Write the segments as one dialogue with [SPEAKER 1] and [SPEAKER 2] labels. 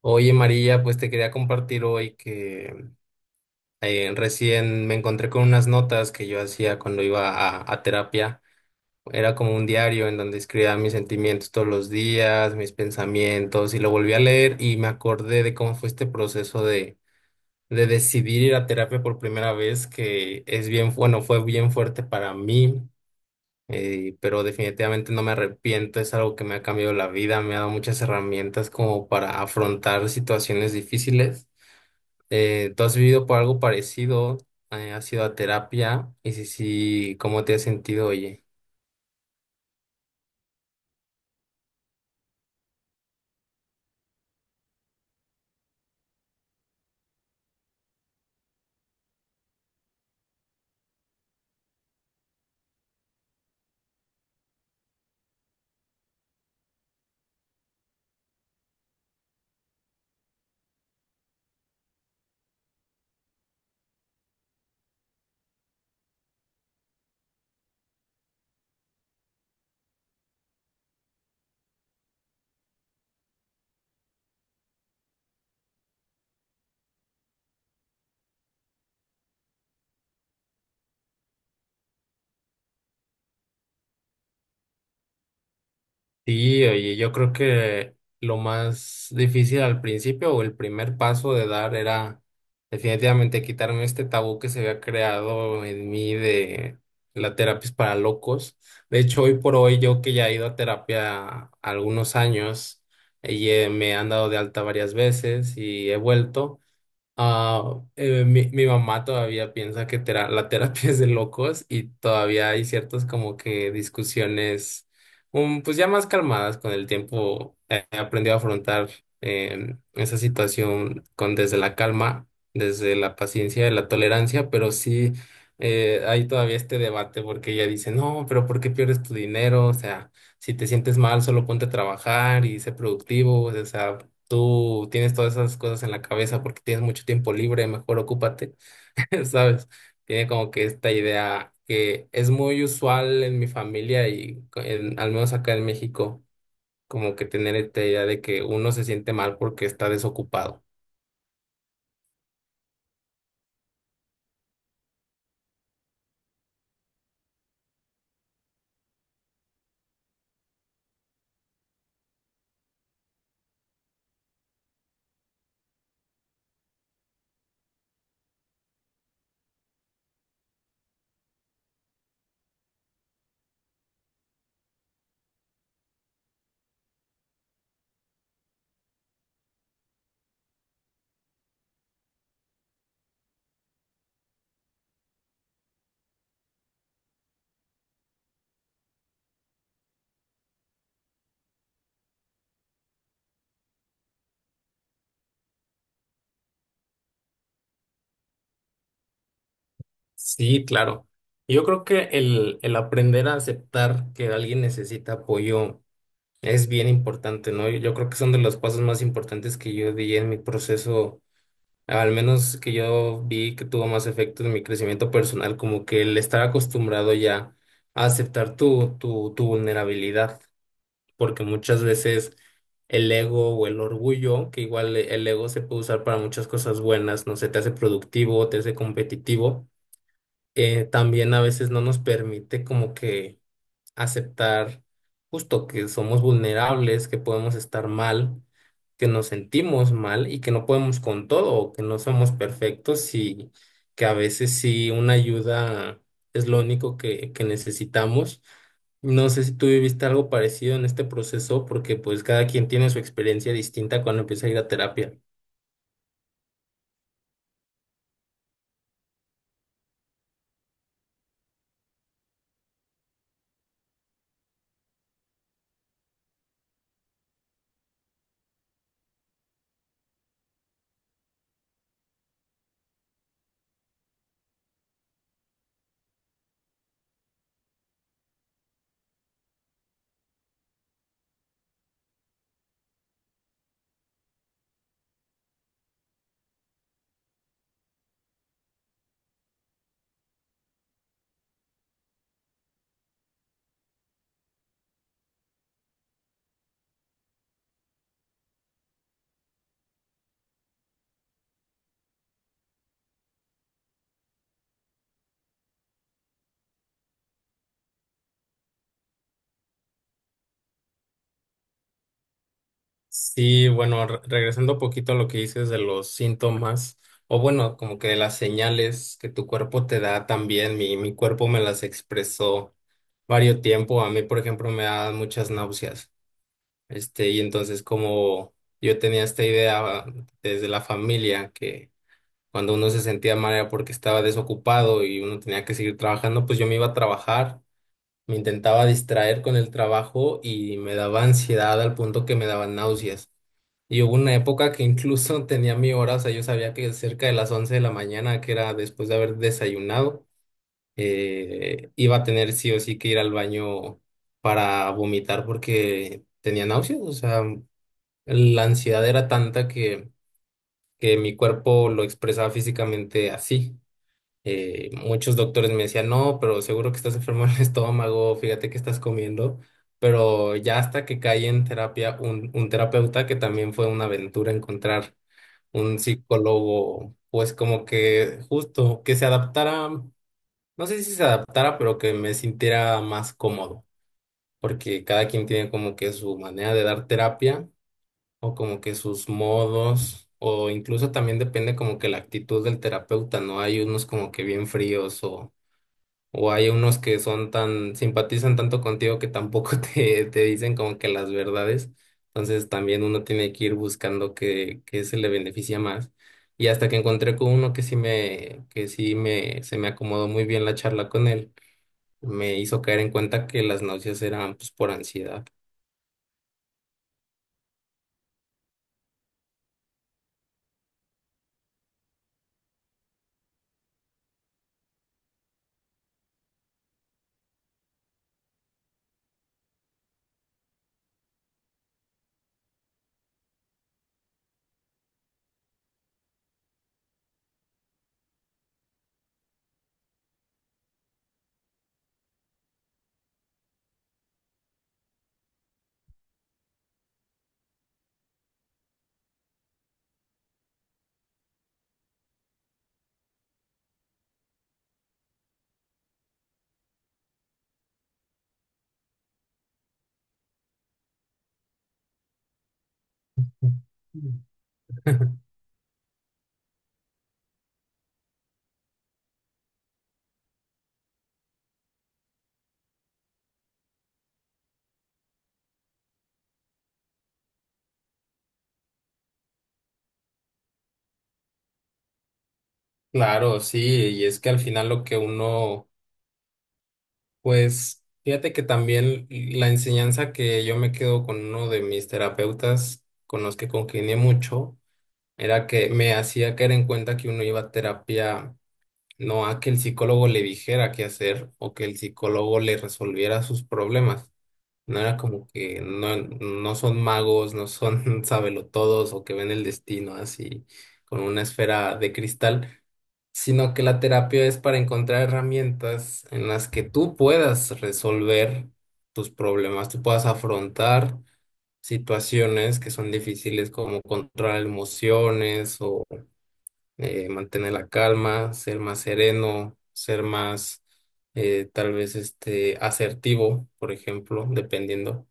[SPEAKER 1] Oye María, pues te quería compartir hoy que recién me encontré con unas notas que yo hacía cuando iba a terapia. Era como un diario en donde escribía mis sentimientos todos los días, mis pensamientos, y lo volví a leer y me acordé de cómo fue este proceso de decidir ir a terapia por primera vez, que es bien, bueno, fue bien fuerte para mí, pero definitivamente no me arrepiento, es algo que me ha cambiado la vida, me ha dado muchas herramientas como para afrontar situaciones difíciles. ¿Tú has vivido por algo parecido? ¿Has ido a terapia? Y si sí, ¿cómo te has sentido, oye? Sí, oye, yo creo que lo más difícil al principio o el primer paso de dar era definitivamente quitarme este tabú que se había creado en mí de la terapia es para locos. De hecho, hoy por hoy, yo que ya he ido a terapia algunos años, me han dado de alta varias veces y he vuelto. Mi mamá todavía piensa que la terapia es de locos y todavía hay ciertas como que discusiones, pues ya más calmadas con el tiempo. He aprendido a afrontar esa situación con desde la calma, desde la paciencia y la tolerancia, pero sí hay todavía este debate porque ella dice, no, pero ¿por qué pierdes tu dinero? O sea, si te sientes mal, solo ponte a trabajar y sé productivo, o sea tú tienes todas esas cosas en la cabeza porque tienes mucho tiempo libre, mejor ocúpate, ¿sabes? Tiene como que esta idea que es muy usual en mi familia y al menos acá en México, como que tener esta idea de que uno se siente mal porque está desocupado. Sí, claro. Yo creo que el aprender a aceptar que alguien necesita apoyo es bien importante, ¿no? Yo creo que son de los pasos más importantes que yo di en mi proceso. Al menos que yo vi que tuvo más efecto en mi crecimiento personal, como que el estar acostumbrado ya a aceptar tu vulnerabilidad, porque muchas veces el ego o el orgullo, que igual el ego se puede usar para muchas cosas buenas, no sé, te hace productivo, te hace competitivo, también a veces no nos permite como que aceptar justo que somos vulnerables, que podemos estar mal, que nos sentimos mal y que no podemos con todo, o que no somos perfectos y que a veces sí una ayuda es lo único que necesitamos. No sé si tú viviste algo parecido en este proceso, porque pues cada quien tiene su experiencia distinta cuando empieza a ir a terapia. Sí, bueno, regresando un poquito a lo que dices de los síntomas, o bueno, como que de las señales que tu cuerpo te da también, mi cuerpo me las expresó varios tiempo, a mí por ejemplo me dan muchas náuseas, este, y entonces como yo tenía esta idea desde la familia que cuando uno se sentía mal era porque estaba desocupado y uno tenía que seguir trabajando, pues yo me iba a trabajar, me intentaba distraer con el trabajo y me daba ansiedad al punto que me daban náuseas. Y hubo una época que incluso tenía mi hora, o sea, yo sabía que cerca de las 11 de la mañana, que era después de haber desayunado, iba a tener sí o sí que ir al baño para vomitar porque tenía náuseas. O sea, la ansiedad era tanta que mi cuerpo lo expresaba físicamente así. Muchos doctores me decían, no, pero seguro que estás enfermo en el estómago, fíjate que estás comiendo. Pero ya hasta que caí en terapia, un terapeuta que también fue una aventura encontrar un psicólogo, pues como que justo, que se adaptara, no sé si se adaptara, pero que me sintiera más cómodo, porque cada quien tiene como que su manera de dar terapia o como que sus modos, o incluso también depende como que la actitud del terapeuta, ¿no? Hay unos como que bien fríos o hay unos que son tan, simpatizan tanto contigo que tampoco te dicen como que las verdades. Entonces también uno tiene que ir buscando que se le beneficia más. Y hasta que encontré con uno que sí me, se me acomodó muy bien la charla con él, me hizo caer en cuenta que las náuseas eran pues por ansiedad. Mm. Claro, sí, y es que al final lo que uno... Pues fíjate que también la enseñanza que yo me quedo con uno de mis terapeutas con los que congenié mucho era que me hacía caer en cuenta que uno iba a terapia no a que el psicólogo le dijera qué hacer o que el psicólogo le resolviera sus problemas. No era como que no, no son magos, no son sabelotodos o que ven el destino así con una esfera de cristal, sino que la terapia es para encontrar herramientas en las que tú puedas resolver tus problemas, tú puedas afrontar situaciones que son difíciles como controlar emociones o mantener la calma, ser más sereno, ser más tal vez este asertivo, por ejemplo, dependiendo.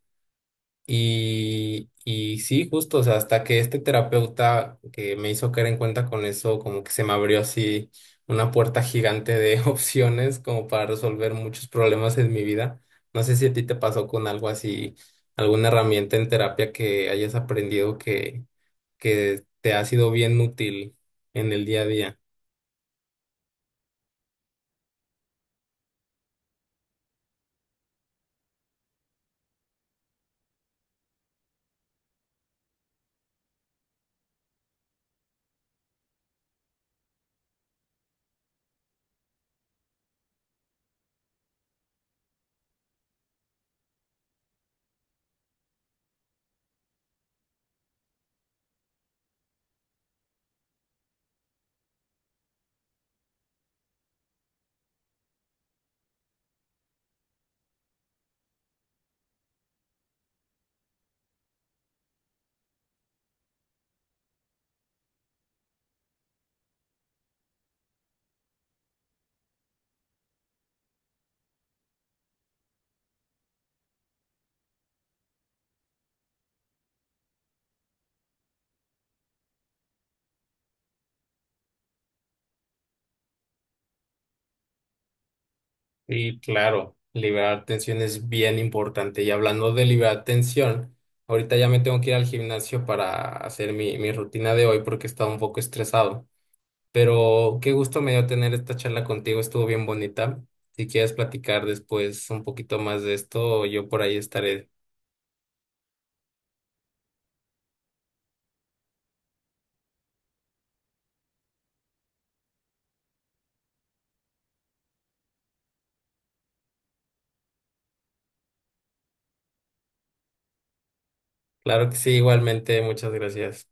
[SPEAKER 1] Y sí, justo, o sea, hasta que este terapeuta que me hizo caer en cuenta con eso, como que se me abrió así una puerta gigante de opciones como para resolver muchos problemas en mi vida. No sé si a ti te pasó con algo así, alguna herramienta en terapia que hayas aprendido que te ha sido bien útil en el día a día. Sí, claro, liberar tensión es bien importante. Y hablando de liberar tensión, ahorita ya me tengo que ir al gimnasio para hacer mi rutina de hoy porque estaba un poco estresado. Pero qué gusto me dio tener esta charla contigo, estuvo bien bonita. Si quieres platicar después un poquito más de esto, yo por ahí estaré. Claro que sí, igualmente, muchas gracias.